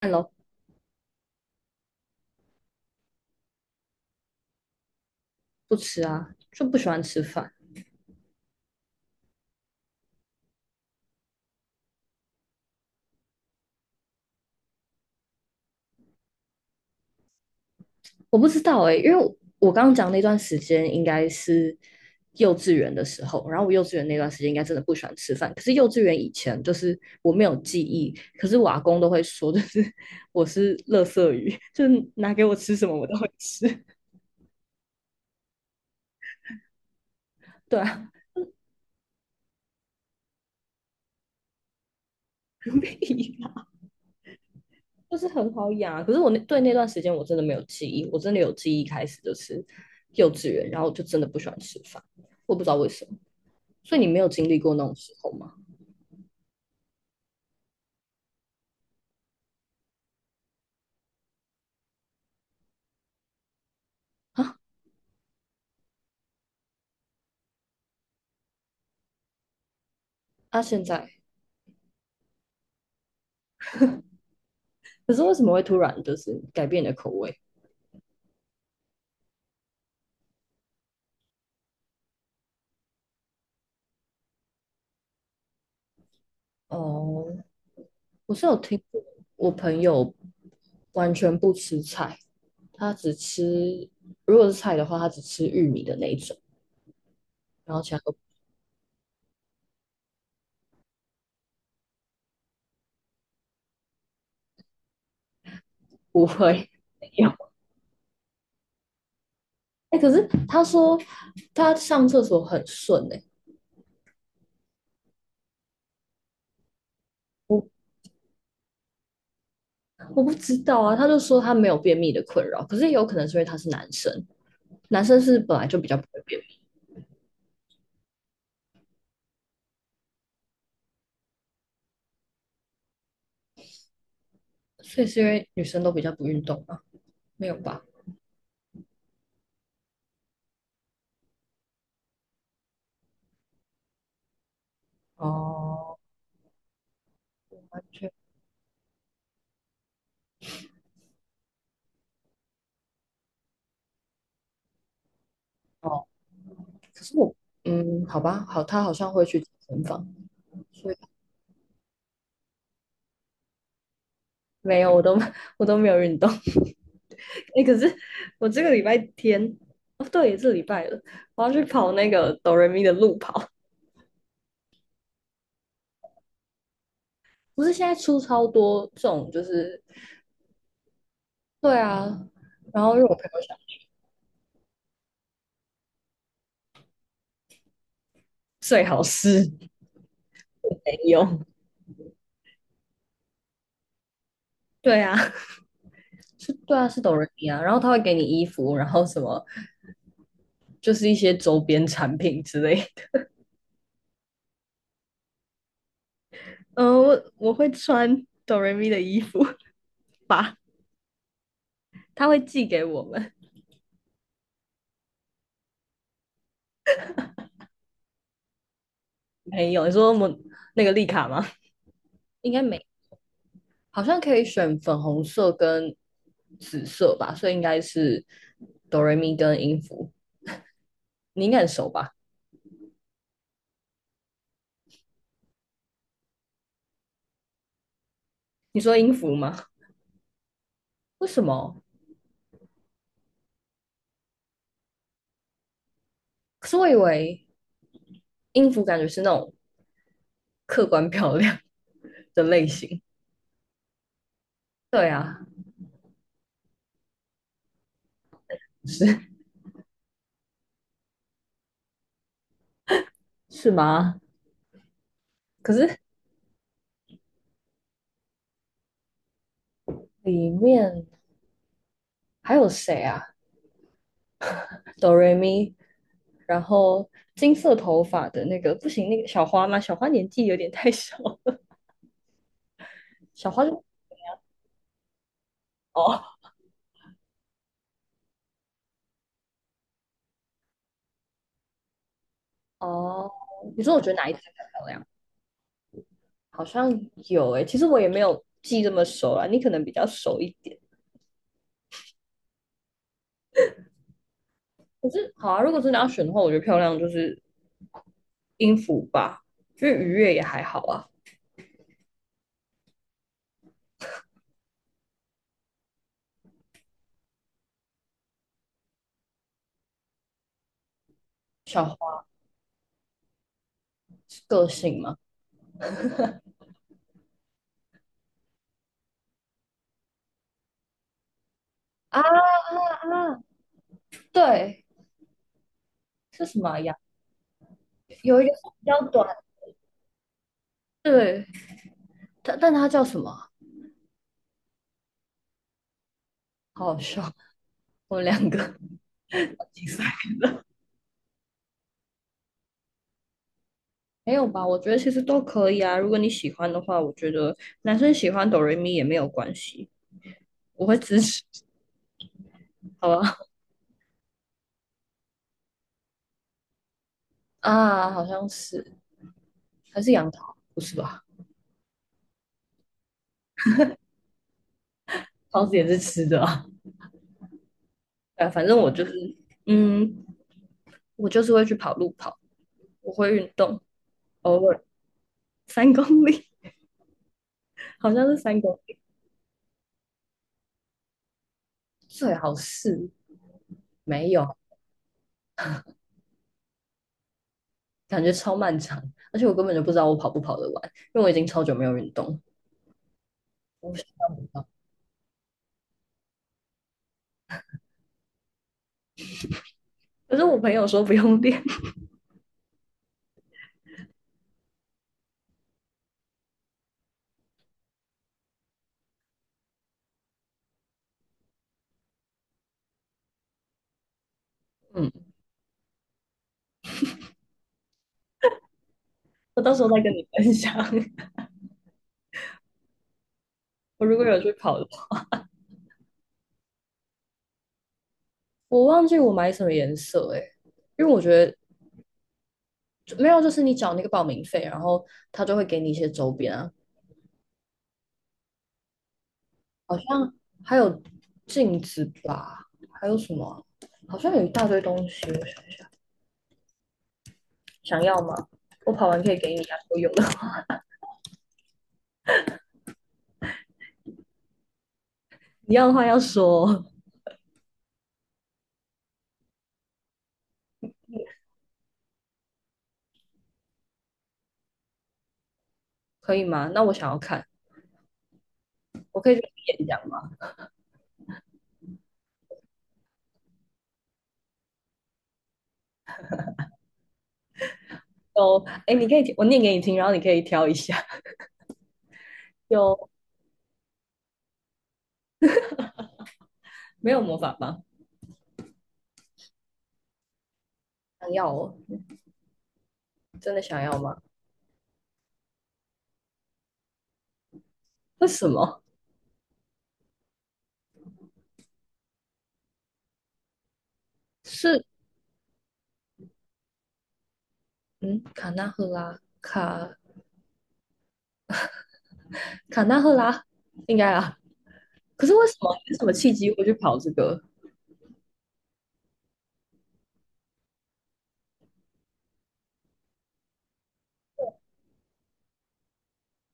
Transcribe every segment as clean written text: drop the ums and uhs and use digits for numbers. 看咯，不吃啊，就不喜欢吃饭。我不知道哎，因为我刚刚讲那段时间应该是幼稚园的时候，然后我幼稚园那段时间应该真的不喜欢吃饭。可是幼稚园以前就是我没有记忆，可是我阿公都会说，就是 我是垃圾鱼，就是拿给我吃什么我都会吃。对啊，屁啦就是很好养啊。可是我那段时间我真的没有记忆，我真的有记忆开始就是幼稚园，然后我就真的不喜欢吃饭，我不知道为什么。所以你没有经历过那种时候吗？啊啊！现在可是为什么会突然就是改变你的口味？哦，我是有听过，我朋友完全不吃菜，他只吃，如果是菜的话，他只吃玉米的那一种，然后其他都不会有。哎、可是他说他上厕所很顺哎、我我不知道啊，他就说他没有便秘的困扰，可是也有可能是因为他是男生，男生是本来就比较不会便秘，所以是因为女生都比较不运动啊，没有吧？哦，完全哦，可是我，嗯，好吧，好，他好像会去健身房，所以没有，我都 我都没有运动。哎、可是我这个礼拜天，哦，对，这是礼拜了，我要去跑那个哆瑞咪的路跑。不是现在出超多这种，就是对啊。然后因为我朋友想，最好是没有。对啊，是，对啊，是哆瑞咪啊。然后他会给你衣服，然后什么，就是一些周边产品之类的。我会穿哆瑞咪的衣服吧，他会寄给我们。没有，你说我那个丽卡吗？应该没，好像可以选粉红色跟紫色吧，所以应该是哆瑞咪跟音符，你应该很熟吧？你说音符吗？为什么？可是我以为音符感觉是那种客观漂亮的类型。对啊，是是吗？可是里面还有谁啊？哆瑞咪，然后金色头发的那个不行，那个小花吗？小花年纪有点太小了 小花就哦，哦，你说我觉得哪一只比较漂亮？好像有诶、其实我也没有记这么熟啦，你可能比较熟一点。可是好啊，如果真的要选的话，我觉得漂亮就是音符吧，就是愉悦也还好啊。小黄是个性吗？啊啊，对，是什么呀？有一个是比较短，对，但但它叫什么啊好好笑，我们两个竞赛没有吧？我觉得其实都可以啊。如果你喜欢的话，我觉得男生喜欢哆瑞咪也没有关系，我会支持，好吧？啊，好像是，还是杨桃，不是吧？桃子也是吃的啊。反正我就是，嗯，我就是会去跑路跑，我会运动，偶尔三公里，好像是3公里，最好是没有，感觉超漫长，而且我根本就不知道我跑不跑得完，因为我已经超久没有运动，我想象不到。可是我朋友说不用练，嗯，我到时候再跟你分享。我如果有去跑的话，我忘记我买什么颜色诶、欸因为我觉得没有，就是你缴那个报名费，然后他就会给你一些周边啊，好像还有镜子吧，还有什么啊好像有一大堆东西，想要吗？我跑完可以给你啊，我有的，你要的话要说，可以吗？那我想要看，我可以去演讲吗？有，哎，你可以，我念给你听，然后你可以挑一下。有没有魔法棒？想要哦，真的想要吗？为什么？是嗯，卡纳赫拉，卡纳赫拉，应该啊。可是为什么？是什么契机会去跑这个？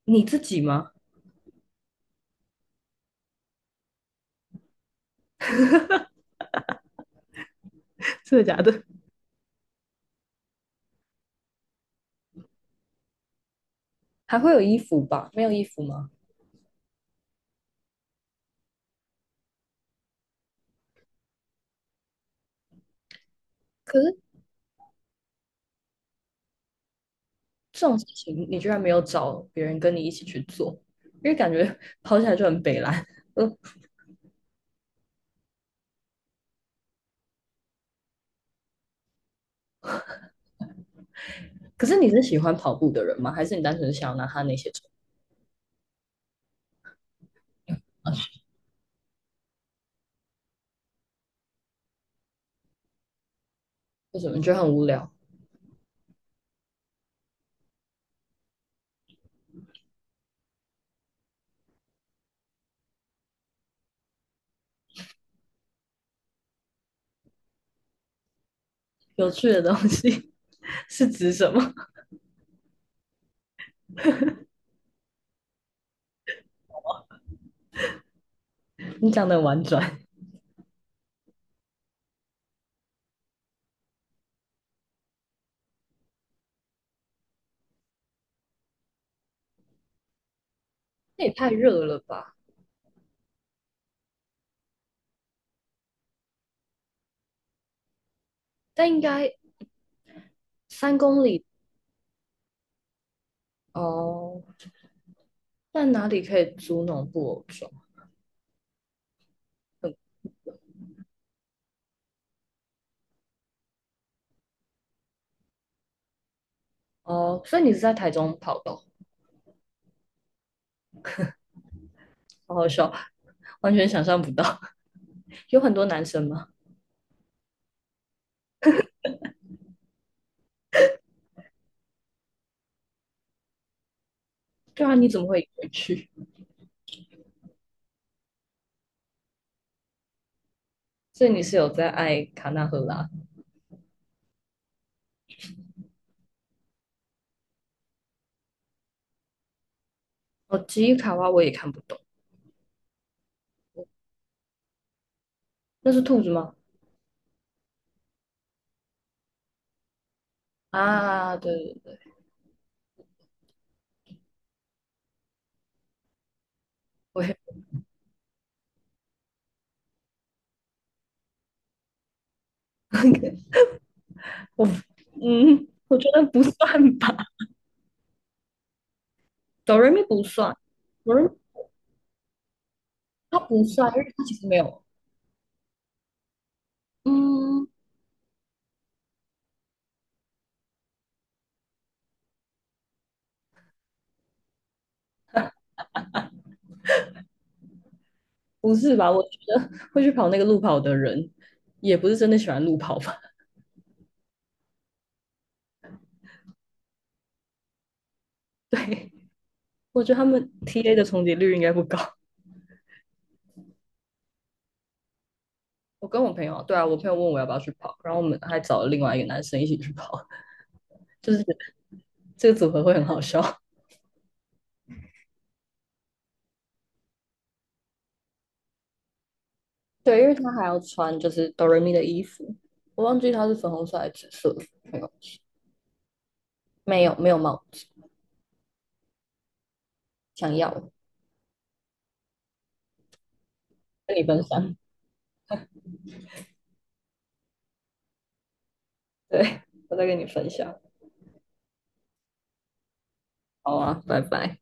你自己吗？真的假的？还会有衣服吧？没有衣服吗？可是这种事情你居然没有找别人跟你一起去做，因为感觉跑起来就很北蓝。嗯，可是你是喜欢跑步的人吗？还是你单纯想要拿他那些种为什么你觉得很无聊？有趣的东西 是指什么？你讲的很婉转。那也太热了吧？但应该三公里哦。那哪里可以租那种布偶装？哦，所以你是在台中跑的哦好好笑，完全想象不到。有很多男生吗？对啊，你怎么会回去？所以你是有在爱卡纳赫拉？哦，吉伊卡哇我也看不懂，那是兔子吗？啊，对对对，我也 我嗯，我觉得不算吧，哆瑞咪不算，哆瑞咪它不算，因为它其实没有，嗯，不是吧？我觉得会去跑那个路跑的人，也不是真的喜欢路跑吧？对，我觉得他们 TA 的重叠率应该不高。我跟我朋友，对啊，我朋友问我要不要去跑，然后我们还找了另外一个男生一起去跑，就是这个组合会很好笑。对，因为他还要穿就是哆瑞咪的衣服，我忘记他是粉红色还是紫色，没有，没有没有帽子，想要跟你分享，对我再跟你分享，好啊，拜拜。